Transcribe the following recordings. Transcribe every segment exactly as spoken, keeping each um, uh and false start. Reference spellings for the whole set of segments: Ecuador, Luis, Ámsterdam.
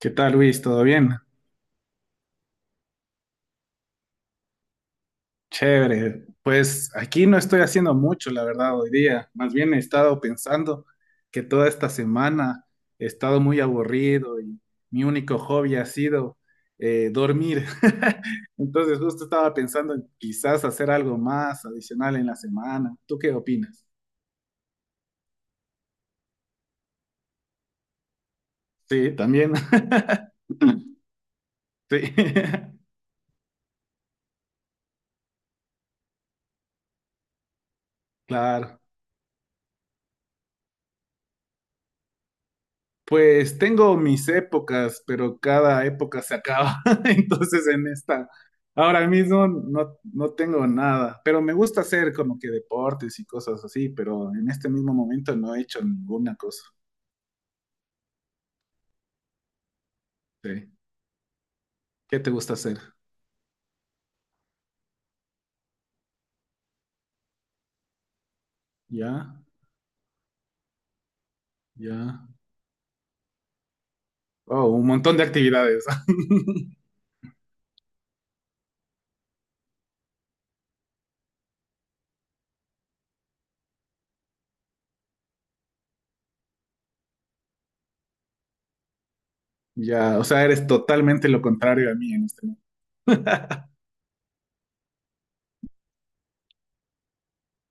¿Qué tal, Luis? ¿Todo bien? Chévere. Pues aquí no estoy haciendo mucho, la verdad, hoy día. Más bien he estado pensando que toda esta semana he estado muy aburrido y mi único hobby ha sido eh, dormir. Entonces justo estaba pensando en quizás hacer algo más adicional en la semana. ¿Tú qué opinas? Sí, también. Sí, claro. Pues tengo mis épocas, pero cada época se acaba. Entonces en esta, ahora mismo no, no tengo nada, pero me gusta hacer como que deportes y cosas así, pero en este mismo momento no he hecho ninguna cosa. Sí. ¿Qué te gusta hacer? Ya, ya. Oh, un montón de actividades. Ya, o sea, eres totalmente lo contrario a mí en este.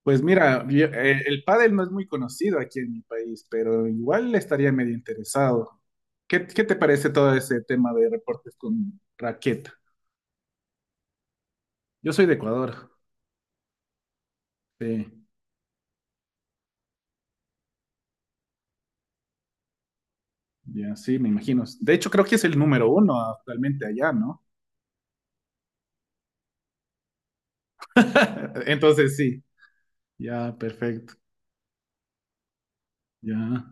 Pues mira, yo- eh, el pádel no es muy conocido aquí en mi país, pero igual estaría medio interesado. ¿Qué, qué te parece todo ese tema de reportes con raqueta? Yo soy de Ecuador. Sí, ya sí, me imagino. De hecho, creo que es el número uno actualmente allá, ¿no? Entonces sí, ya, perfecto. Ya,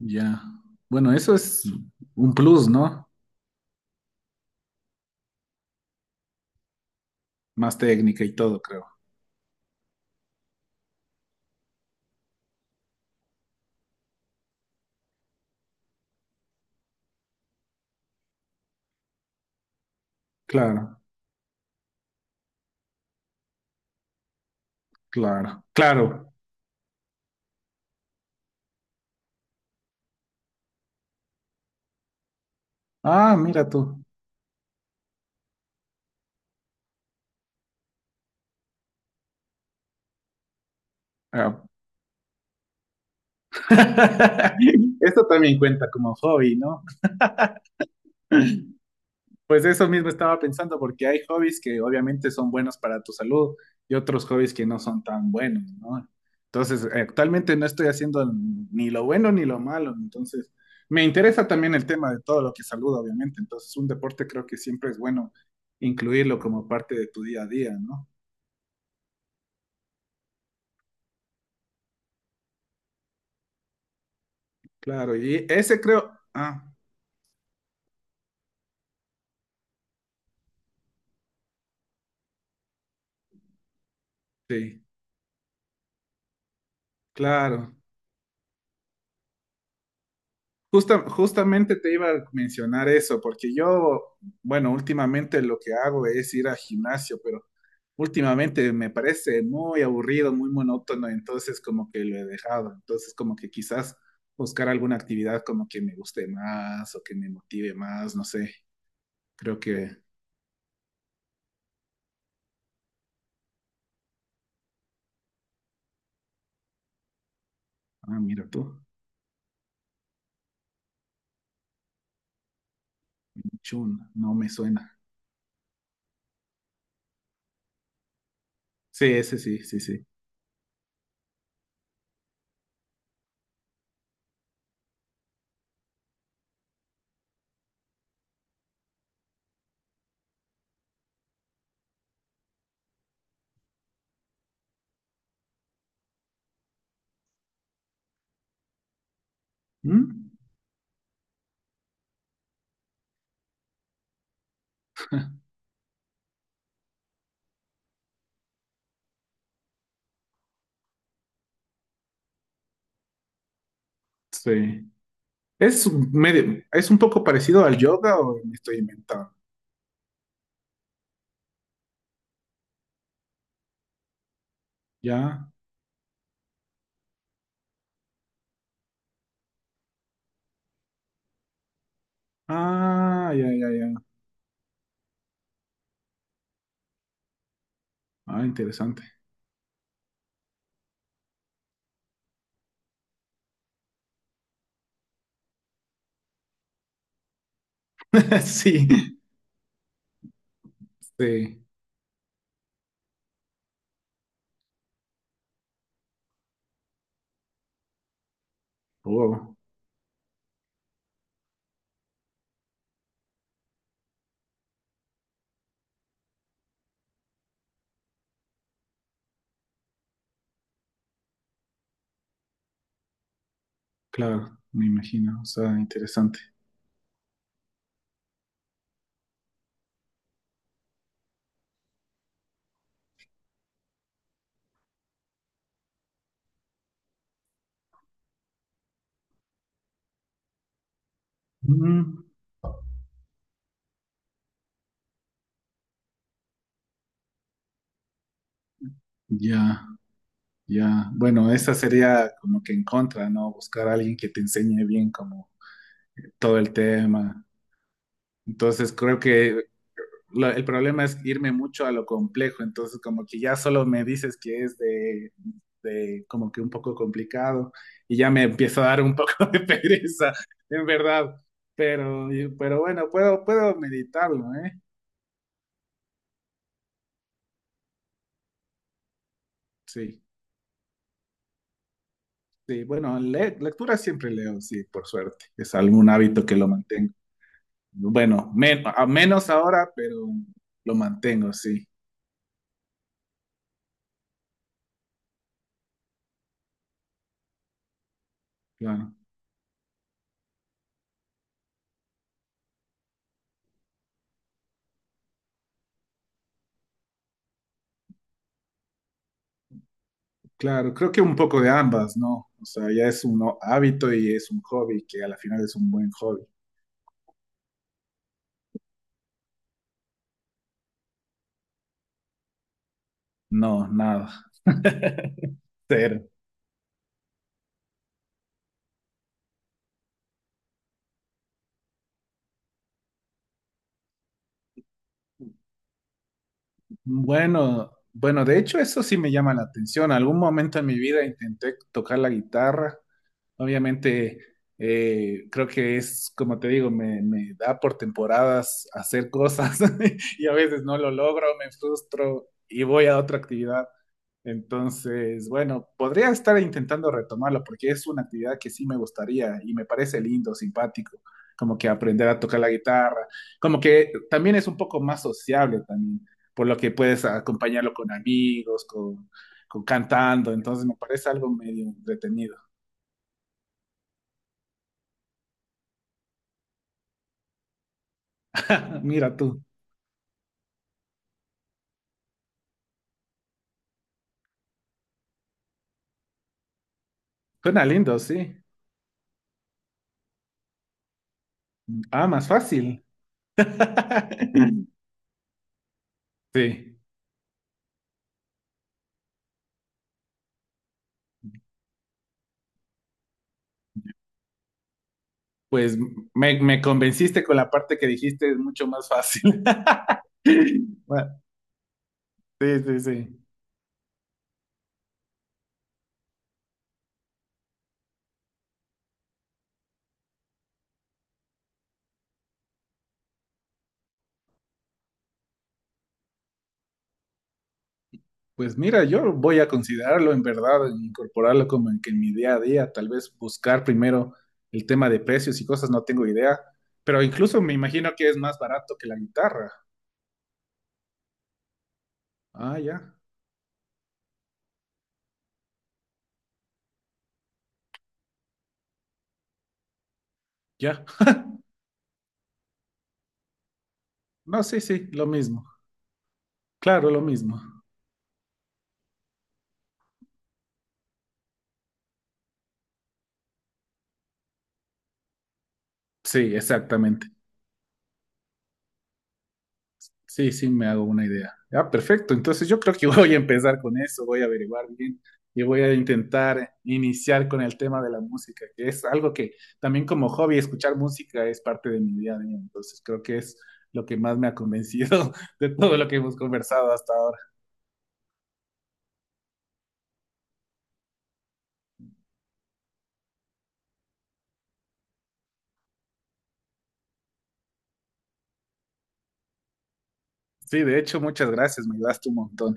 ya. Bueno, eso es un plus, ¿no? Más técnica y todo, creo. Claro, claro, claro. Ah, mira tú. Ah, esto también cuenta como hobby, ¿no? Pues eso mismo estaba pensando, porque hay hobbies que obviamente son buenos para tu salud y otros hobbies que no son tan buenos, ¿no? Entonces, actualmente no estoy haciendo ni lo bueno ni lo malo, entonces me interesa también el tema de todo lo que es salud, obviamente, entonces un deporte creo que siempre es bueno incluirlo como parte de tu día a día, ¿no? Claro, y ese creo, ah, sí, claro. Justa- justamente te iba a mencionar eso, porque yo, bueno, últimamente lo que hago es ir al gimnasio, pero últimamente me parece muy aburrido, muy monótono, entonces como que lo he dejado, entonces como que quizás buscar alguna actividad como que me guste más o que me motive más, no sé, creo que, ah, mira tú, chun, no me suena. Sí, ese sí, sí, sí. ¿Mm? Sí. Es un medio, es un poco parecido al yoga o me estoy inventando, ¿ya? Ah, ya, ya, ya. Ah, interesante. Sí, sí. Oh, claro, me imagino. O sea, interesante. Mm, ya, ya. Bueno, esa sería como que en contra, ¿no? Buscar a alguien que te enseñe bien como todo el tema. Entonces, creo que lo- el problema es irme mucho a lo complejo, entonces como que ya solo me dices que es de, de como que un poco complicado y ya me empieza a dar un poco de pereza, en verdad. Pero, pero bueno, puedo, puedo meditarlo, ¿eh? Sí, sí, bueno, le- lectura siempre leo, sí, por suerte, es algún hábito que lo mantengo. Bueno, men- a menos ahora, pero lo mantengo, sí, claro. Claro, creo que un poco de ambas, ¿no? O sea, ya es un hábito y es un hobby, que a la final es un buen hobby. No, nada. Cero. Bueno, bueno, de hecho eso sí me llama la atención. Algún momento en mi vida intenté tocar la guitarra. Obviamente, eh, creo que es, como te digo, me, me da por temporadas hacer cosas y a veces no lo logro, me frustro y voy a otra actividad. Entonces, bueno, podría estar intentando retomarlo porque es una actividad que sí me gustaría y me parece lindo, simpático, como que aprender a tocar la guitarra, como que también es un poco más sociable también, por lo que puedes acompañarlo con amigos, con, con cantando, entonces me parece algo medio entretenido. Mira tú. Suena lindo, sí. Ah, más fácil. Sí. Pues me, me convenciste con la parte que dijiste, es mucho más fácil. Bueno, sí, sí, sí. Pues mira, yo voy a considerarlo en verdad, en incorporarlo como en que en mi día a día, tal vez buscar primero el tema de precios y cosas, no tengo idea, pero incluso me imagino que es más barato que la guitarra. Ah, ya, ya. No, sí, sí, lo mismo. Claro, lo mismo. Sí, exactamente. Sí, sí, me hago una idea. Ah, perfecto. Entonces yo creo que voy a empezar con eso, voy a averiguar bien y voy a intentar iniciar con el tema de la música, que es algo que también como hobby, escuchar música es parte de mi día a día. Entonces creo que es lo que más me ha convencido de todo lo que hemos conversado hasta ahora. Sí, de hecho, muchas gracias, me ayudaste un montón.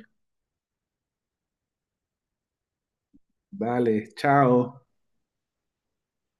Vale, chao.